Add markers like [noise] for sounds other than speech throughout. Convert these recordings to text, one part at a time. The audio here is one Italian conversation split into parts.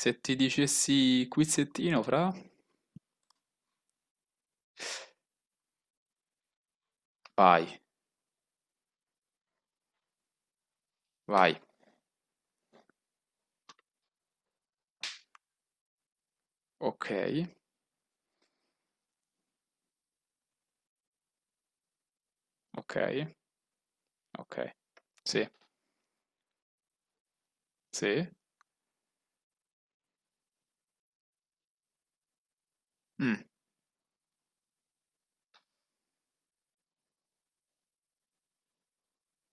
Se ti dicessi quizzettino, fra? Vai, vai. Ok, ok, ok. Sì, sì. Mm,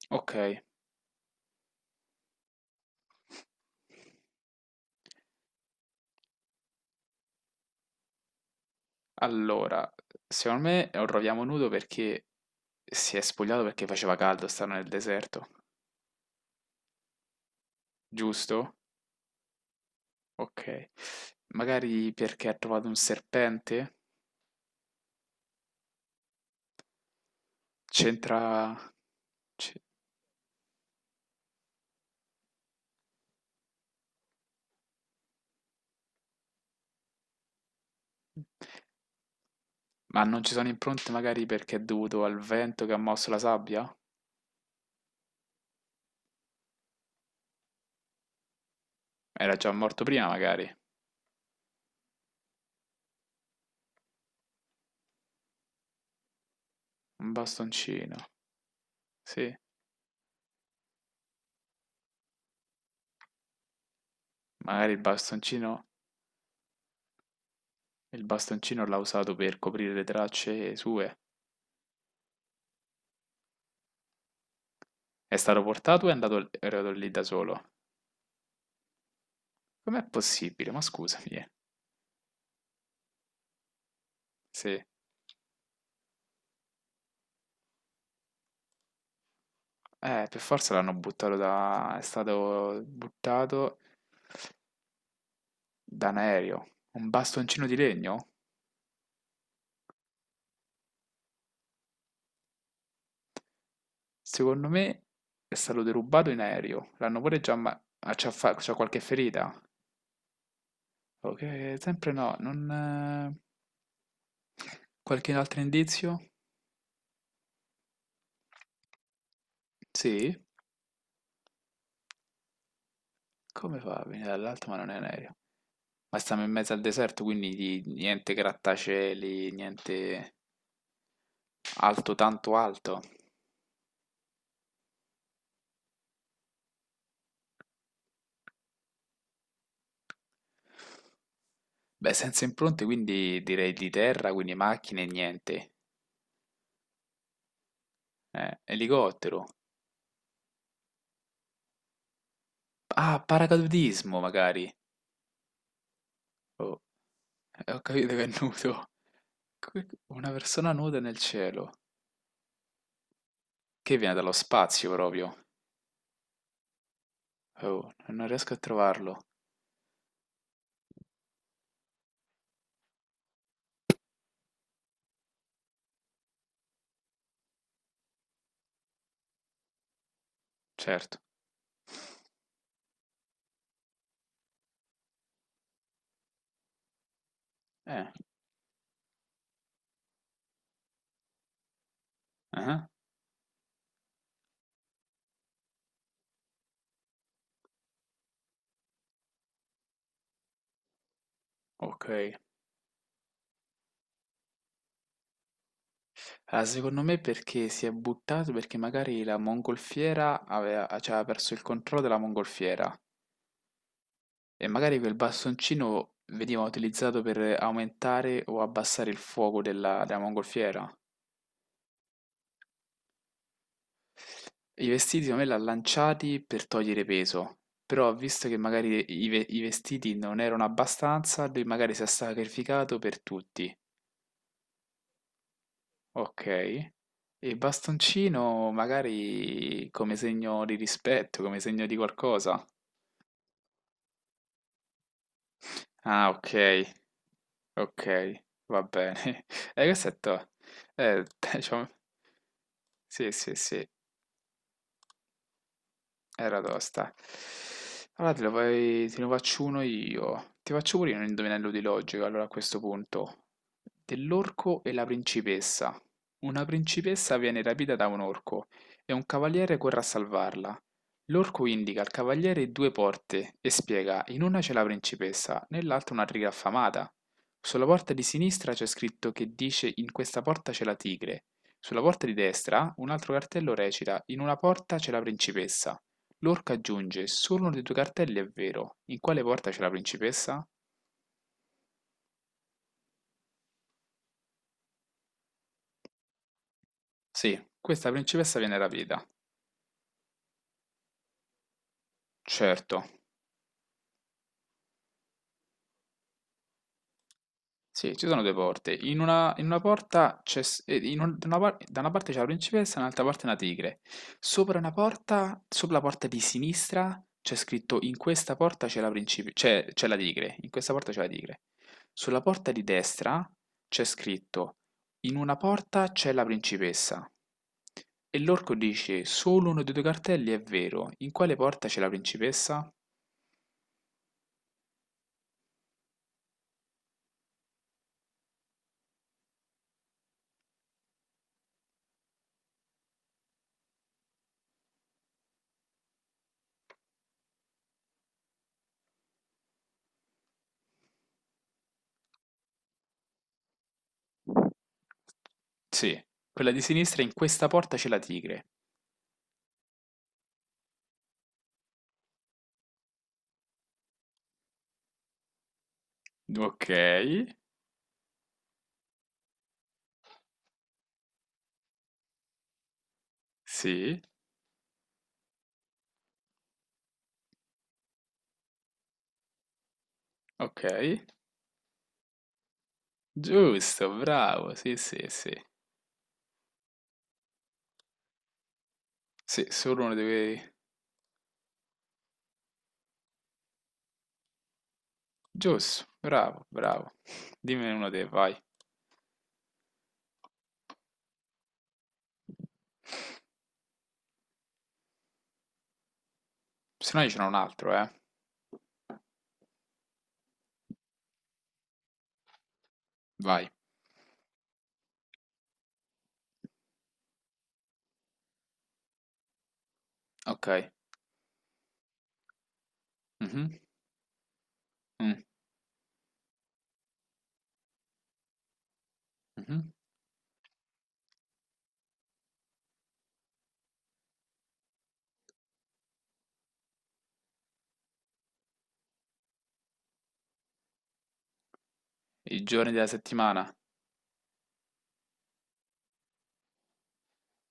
ok. Allora, secondo me lo troviamo nudo perché si è spogliato perché faceva caldo, stanno nel deserto. Giusto? Ok. Magari perché ha trovato un serpente? C'entra... c- Ma non ci sono impronte magari perché è dovuto al vento che ha mosso la sabbia? Era già morto prima magari. Un bastoncino. Sì. Magari il bastoncino l'ha usato per coprire le tracce sue. È stato portato e è andato lì da solo. Com'è possibile? Ma scusami, eh. Se... per forza l'hanno buttato da... è stato buttato da un aereo. Un bastoncino di legno? Secondo me è stato derubato in aereo. L'hanno pure già... Ma... ah, c'ha fa- c'ha qualche ferita? Ok, sempre no. Non... qualche altro indizio? Sì? Come fa a venire dall'alto ma non è un aereo? Ma stiamo in mezzo al deserto, quindi di- niente grattacieli, niente alto tanto alto. Beh, senza impronte, quindi direi di terra, quindi macchine, niente. Elicottero. Ah, paracadutismo magari. Oh, ho capito che è nudo. Que- una persona nuda nel cielo. Che viene dallo spazio proprio. Oh, non riesco a trovarlo. Certo. Eh, ah, ok. Ah, secondo me perché si è buttato perché magari la mongolfiera aveva, cioè, aveva perso il controllo della mongolfiera e magari quel bastoncino veniva utilizzato per aumentare o abbassare il fuoco della mongolfiera. I vestiti secondo me l'ha lanciati per togliere peso, però visto che magari i vestiti non erano abbastanza, lui magari si è sacrificato per tutti. Ok. E il bastoncino magari come segno di rispetto, come segno di qualcosa. Ah, ok, ok, va bene. [laughs] Questo è to- eh, [laughs] diciamo, sì, sì, sì. Era tosta. Allora te lo, vai- te ne faccio uno io. Ti faccio pure io un indovinello di logica, allora a questo punto. Dell'orco e la principessa. Una principessa viene rapita da un orco e un cavaliere corre a salvarla. L'orco indica al cavaliere due porte e spiega, in una c'è la principessa, nell'altra una tigre affamata. Sulla porta di sinistra c'è scritto che dice in questa porta c'è la tigre. Sulla porta di destra un altro cartello recita, in una porta c'è la principessa. Lorca aggiunge: "Solo uno dei tuoi cartelli è vero. In quale porta c'è la principessa?" Sì, questa principessa viene rapita. Certo. Sì, ci sono due porte. In una porta c'è, s- in un- da una, par- da una parte c'è la principessa, dall'altra parte una tigre. Sopra una porta, sopra la porta di sinistra, c'è scritto in questa porta c'è la principe- c'è la tigre, in questa porta c'è la tigre. Sulla porta di destra c'è scritto in una porta c'è la principessa. E l'orco dice, solo uno dei due cartelli è vero, in quale porta c'è la principessa? Sì, quella di sinistra, in questa porta c'è la tigre. Ok, sì, ok, giusto, bravo, sì, sì, sì, sì, solo uno deve... Giusto, bravo, bravo, dimmi uno dei, vai, se no io ce n'ho un altro, vai, ok. Mhm, mm, mhm. I giorni della settimana,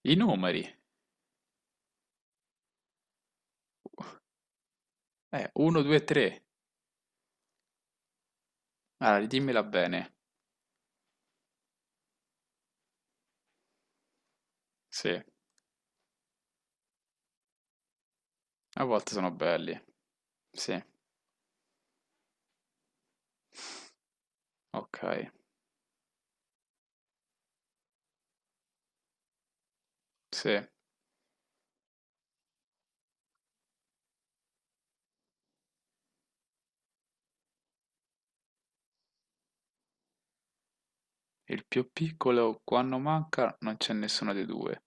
i numeri, 1, 2, 3, allora dimmela bene, sì, a volte sono belli, sì, ok, sì, il più piccolo quando manca non c'è nessuno dei due.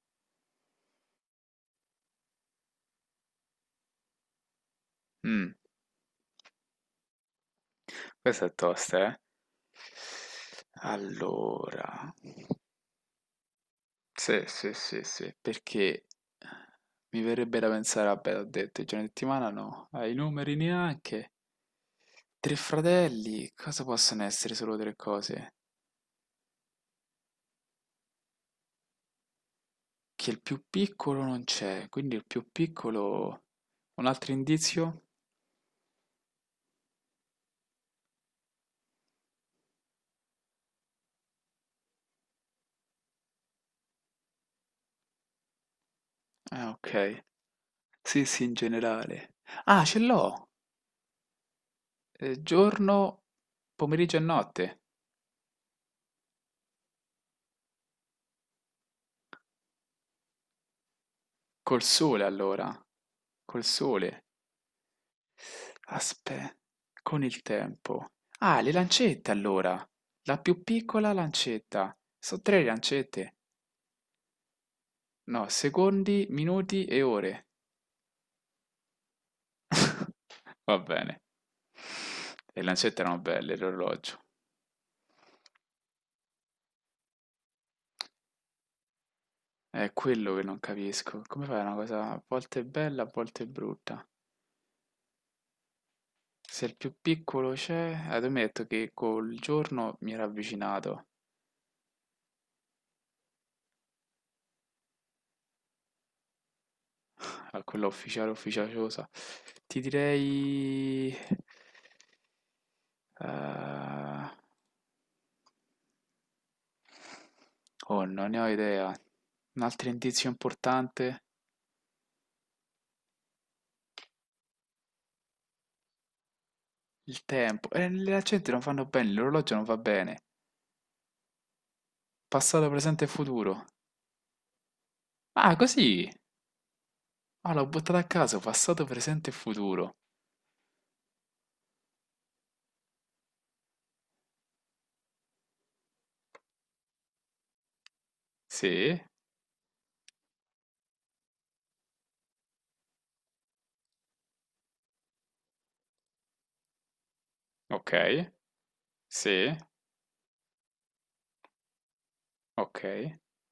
Mm. Questa è tosta, eh. Allora, sì, sì, sì, sì, perché mi verrebbe da pensare, vabbè, ho detto, i giorni di settimana no, ai numeri neanche. Tre fratelli, cosa possono essere solo tre cose? Che il più piccolo non c'è, quindi il più piccolo... Un altro indizio? Ah, ok. Sì, sì, in generale. Ah, ce l'ho! Giorno, pomeriggio e notte. Col sole, allora. Col sole. Aspe, con il tempo. Ah, le lancette allora. La più piccola lancetta. Sono tre lancette. No, secondi, minuti e ore. Va bene. Le lancette erano belle, l'orologio. È quello che non capisco. Come fai una cosa a volte bella, a volte brutta? Se il più piccolo c'è, tu mi hai detto che col giorno mi era avvicinato a quella ufficiale ufficiosa. Ti direi... eh, oh, non ne ho idea. Un altro indizio importante? Il tempo. E le accenti non fanno bene, l'orologio non va bene. Passato, presente e futuro. Ah, così! Ah, l'ho buttata a caso, passato, presente e futuro. Sì, ok, sì, ok. [laughs]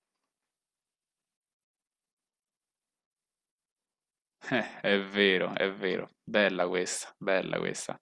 È vero, è vero. Bella questa, bella questa.